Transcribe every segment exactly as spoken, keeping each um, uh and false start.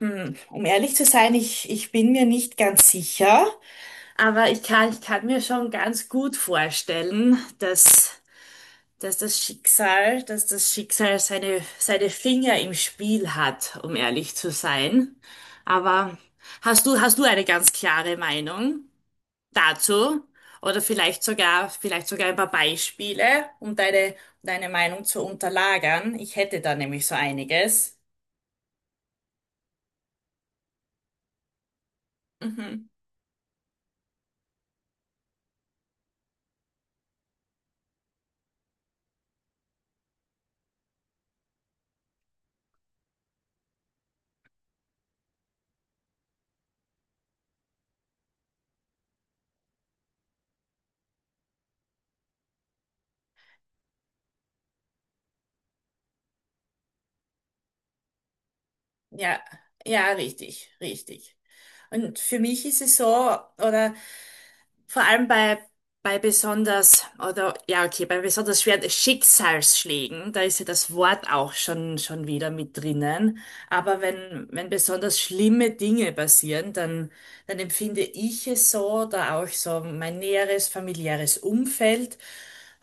Hm, Um ehrlich zu sein, ich, ich bin mir nicht ganz sicher, aber ich kann, ich kann mir schon ganz gut vorstellen, dass, dass das Schicksal, dass das Schicksal seine, seine Finger im Spiel hat, um ehrlich zu sein. Aber hast du, hast du eine ganz klare Meinung dazu? Oder vielleicht sogar, vielleicht sogar ein paar Beispiele, um deine, um deine Meinung zu unterlagern? Ich hätte da nämlich so einiges. Mhm. Ja, ja, richtig, richtig. Und für mich ist es so, oder vor allem bei, bei besonders, oder ja, okay, bei besonders schweren Schicksalsschlägen, da ist ja das Wort auch schon, schon wieder mit drinnen. Aber wenn, wenn besonders schlimme Dinge passieren, dann, dann empfinde ich es so, da auch so mein näheres familiäres Umfeld,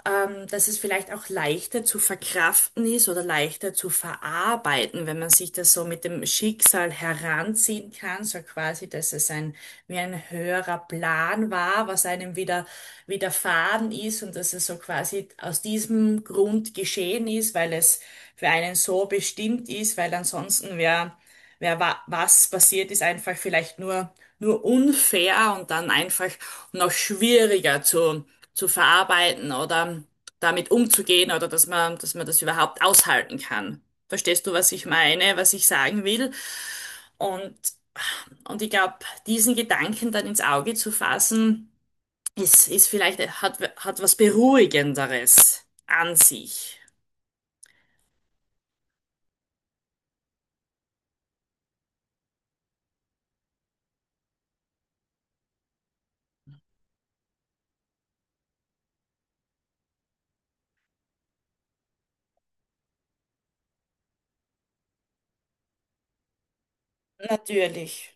ähm, dass es vielleicht auch leichter zu verkraften ist oder leichter zu verarbeiten, wenn man sich das so mit dem Schicksal heranziehen kann, so quasi, dass es ein, wie ein höherer Plan war, was einem wieder widerfahren ist und dass es so quasi aus diesem Grund geschehen ist, weil es für einen so bestimmt ist, weil ansonsten wäre wer wa was passiert, ist einfach vielleicht nur, nur unfair und dann einfach noch schwieriger zu, zu verarbeiten oder damit umzugehen oder dass man, dass man das überhaupt aushalten kann. Verstehst du, was ich meine, was ich sagen will? Und, und ich glaube, diesen Gedanken dann ins Auge zu fassen, ist, ist vielleicht, hat, hat was Beruhigenderes an sich. Natürlich.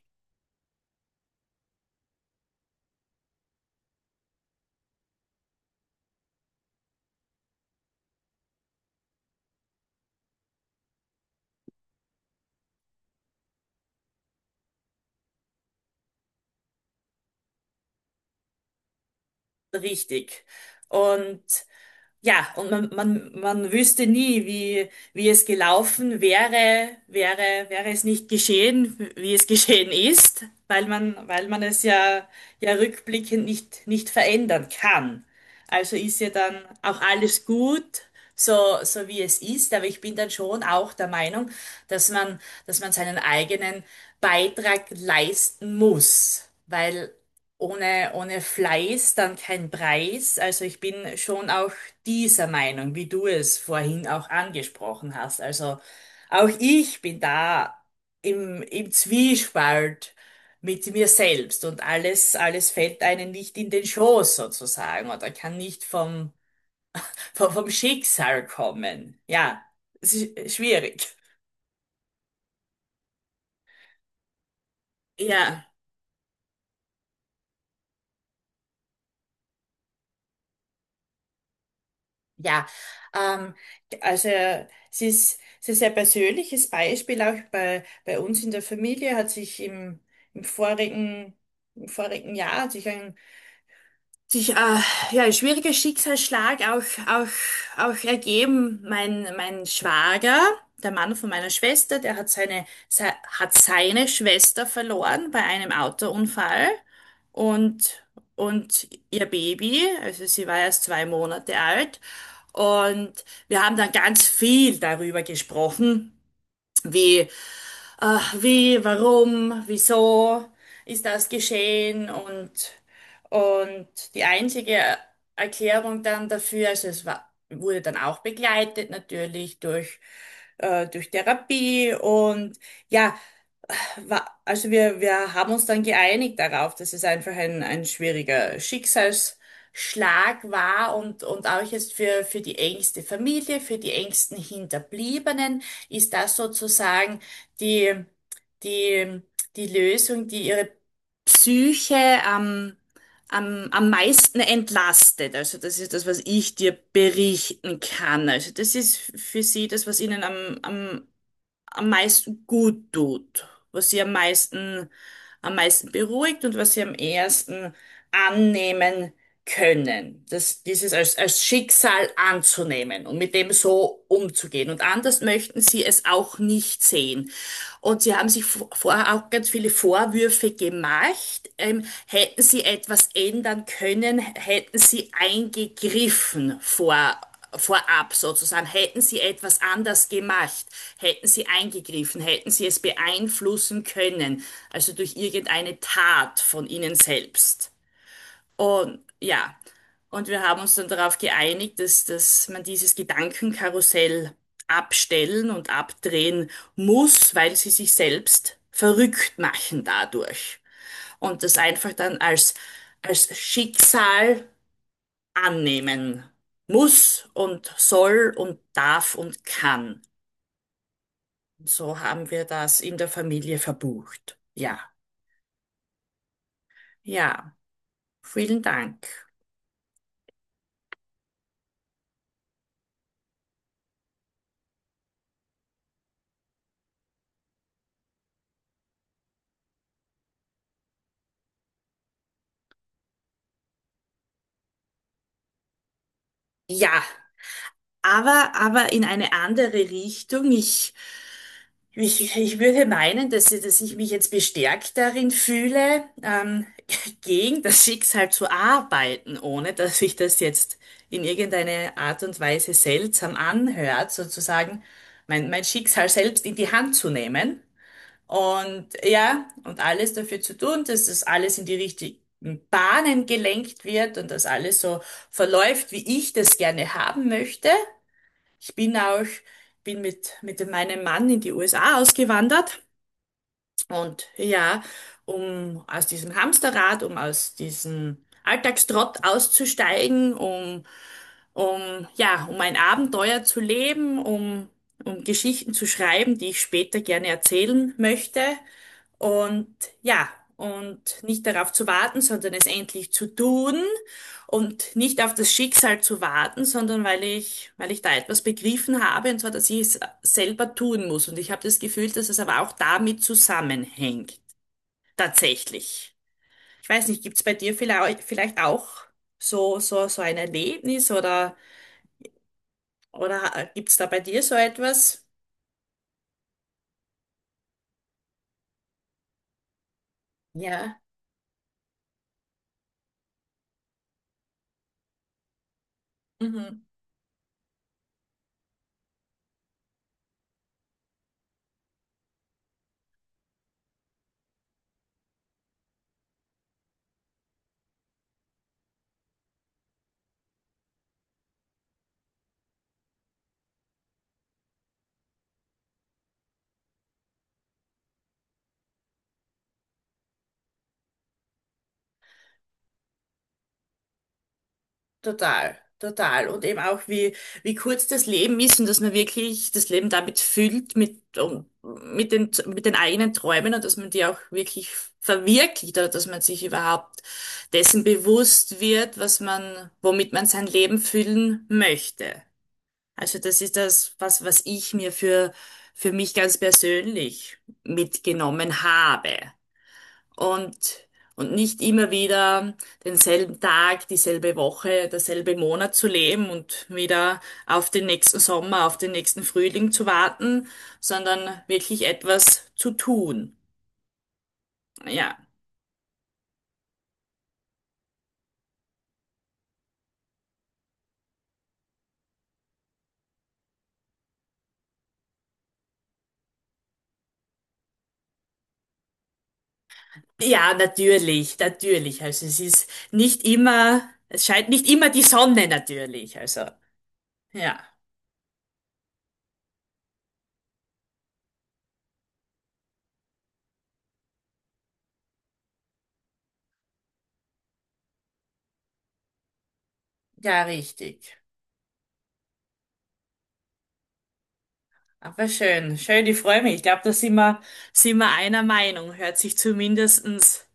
Richtig. Und ja, und man, man, man wüsste nie, wie, wie es gelaufen wäre, wäre, wäre es nicht geschehen, wie es geschehen ist, weil man, weil man es ja, ja rückblickend nicht, nicht verändern kann. Also ist ja dann auch alles gut, so, so wie es ist. Aber ich bin dann schon auch der Meinung, dass man, dass man seinen eigenen Beitrag leisten muss. Weil ohne, ohne Fleiß dann kein Preis. Also ich bin schon auch dieser Meinung, wie du es vorhin auch angesprochen hast. Also auch ich bin da im, im Zwiespalt mit mir selbst und alles, alles fällt einem nicht in den Schoß sozusagen oder kann nicht vom, vom, vom Schicksal kommen. Ja, es ist schwierig. Ja, ja. Ähm, also es ist, es ist ein persönliches Beispiel. Auch bei, bei uns in der Familie hat sich im, im vorigen, im vorigen Jahr hat sich ein sich äh, ja, ein schwieriger Schicksalsschlag auch, auch, auch ergeben. Mein, mein Schwager, der Mann von meiner Schwester, der hat seine, se, hat seine Schwester verloren bei einem Autounfall und, und ihr Baby, also sie war erst zwei Monate alt. Und wir haben dann ganz viel darüber gesprochen, wie äh, wie, warum, wieso ist das geschehen und, und die einzige Erklärung dann dafür, also es war, wurde dann auch begleitet natürlich durch, äh, durch Therapie und ja, war, also wir, wir haben uns dann geeinigt darauf, dass es einfach ein, ein schwieriger Schicksalsschlag war und, und auch jetzt für, für die engste Familie, für die engsten Hinterbliebenen ist das sozusagen die, die, die Lösung, die ihre Psyche am, am, am meisten entlastet. Also das ist das, was ich dir berichten kann. Also das ist für sie das, was ihnen am, am am meisten gut tut, was sie am meisten, am meisten beruhigt und was sie am ehesten annehmen können. Das, dieses als, als Schicksal anzunehmen und mit dem so umzugehen. Und anders möchten sie es auch nicht sehen. Und sie haben sich vo- vorher auch ganz viele Vorwürfe gemacht. Ähm, hätten sie etwas ändern können, hätten sie eingegriffen vor, vorab sozusagen, hätten sie etwas anders gemacht, hätten sie eingegriffen, hätten sie es beeinflussen können, also durch irgendeine Tat von ihnen selbst. Und ja, und wir haben uns dann darauf geeinigt, dass, dass man dieses Gedankenkarussell abstellen und abdrehen muss, weil sie sich selbst verrückt machen dadurch. Und das einfach dann als, als Schicksal annehmen muss und soll und darf und kann. So haben wir das in der Familie verbucht. Ja, ja, vielen Dank. Ja, aber, aber in eine andere Richtung. Ich Ich, ich würde meinen, dass ich, dass ich mich jetzt bestärkt darin fühle, ähm, gegen das Schicksal zu arbeiten, ohne dass sich das jetzt in irgendeine Art und Weise seltsam anhört, sozusagen mein, mein Schicksal selbst in die Hand zu nehmen und ja, und alles dafür zu tun, dass das alles in die richtigen Bahnen gelenkt wird und dass alles so verläuft, wie ich das gerne haben möchte. Ich bin auch, bin mit, mit meinem Mann in die U S A ausgewandert und ja, um aus diesem Hamsterrad, um aus diesem Alltagstrott auszusteigen, um, um, ja, um ein Abenteuer zu leben, um, um Geschichten zu schreiben, die ich später gerne erzählen möchte. Und ja, und nicht darauf zu warten, sondern es endlich zu tun und nicht auf das Schicksal zu warten, sondern weil ich, weil ich da etwas begriffen habe, und zwar, dass ich es selber tun muss. Und ich habe das Gefühl, dass es aber auch damit zusammenhängt, tatsächlich. Ich weiß nicht, gibt's bei dir vielleicht, vielleicht auch so, so, so ein Erlebnis oder, oder äh, gibt's da bei dir so etwas? Ja. Mhm. Total, total. Und eben auch, wie, wie kurz das Leben ist und dass man wirklich das Leben damit füllt, mit, um, mit den, mit den eigenen Träumen und dass man die auch wirklich verwirklicht oder dass man sich überhaupt dessen bewusst wird, was man, womit man sein Leben füllen möchte. Also das ist das, was, was ich mir für, für mich ganz persönlich mitgenommen habe und, und nicht immer wieder denselben Tag, dieselbe Woche, derselbe Monat zu leben und wieder auf den nächsten Sommer, auf den nächsten Frühling zu warten, sondern wirklich etwas zu tun. Ja. Ja, natürlich, natürlich. Also es ist nicht immer, es scheint nicht immer die Sonne natürlich. Also, ja, ja, richtig. Aber schön, schön, ich freue mich. Ich glaube, da sind wir, sind wir einer Meinung. Hört sich zumindestens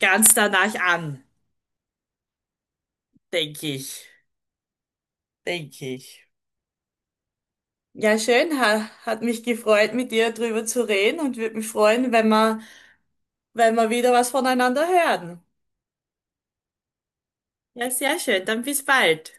ganz danach an. Denke ich. Denke ich. Ja, schön, ha, hat mich gefreut, mit dir drüber zu reden und würde mich freuen, wenn wir, wenn wir wieder was voneinander hören. Ja, sehr schön. Dann bis bald.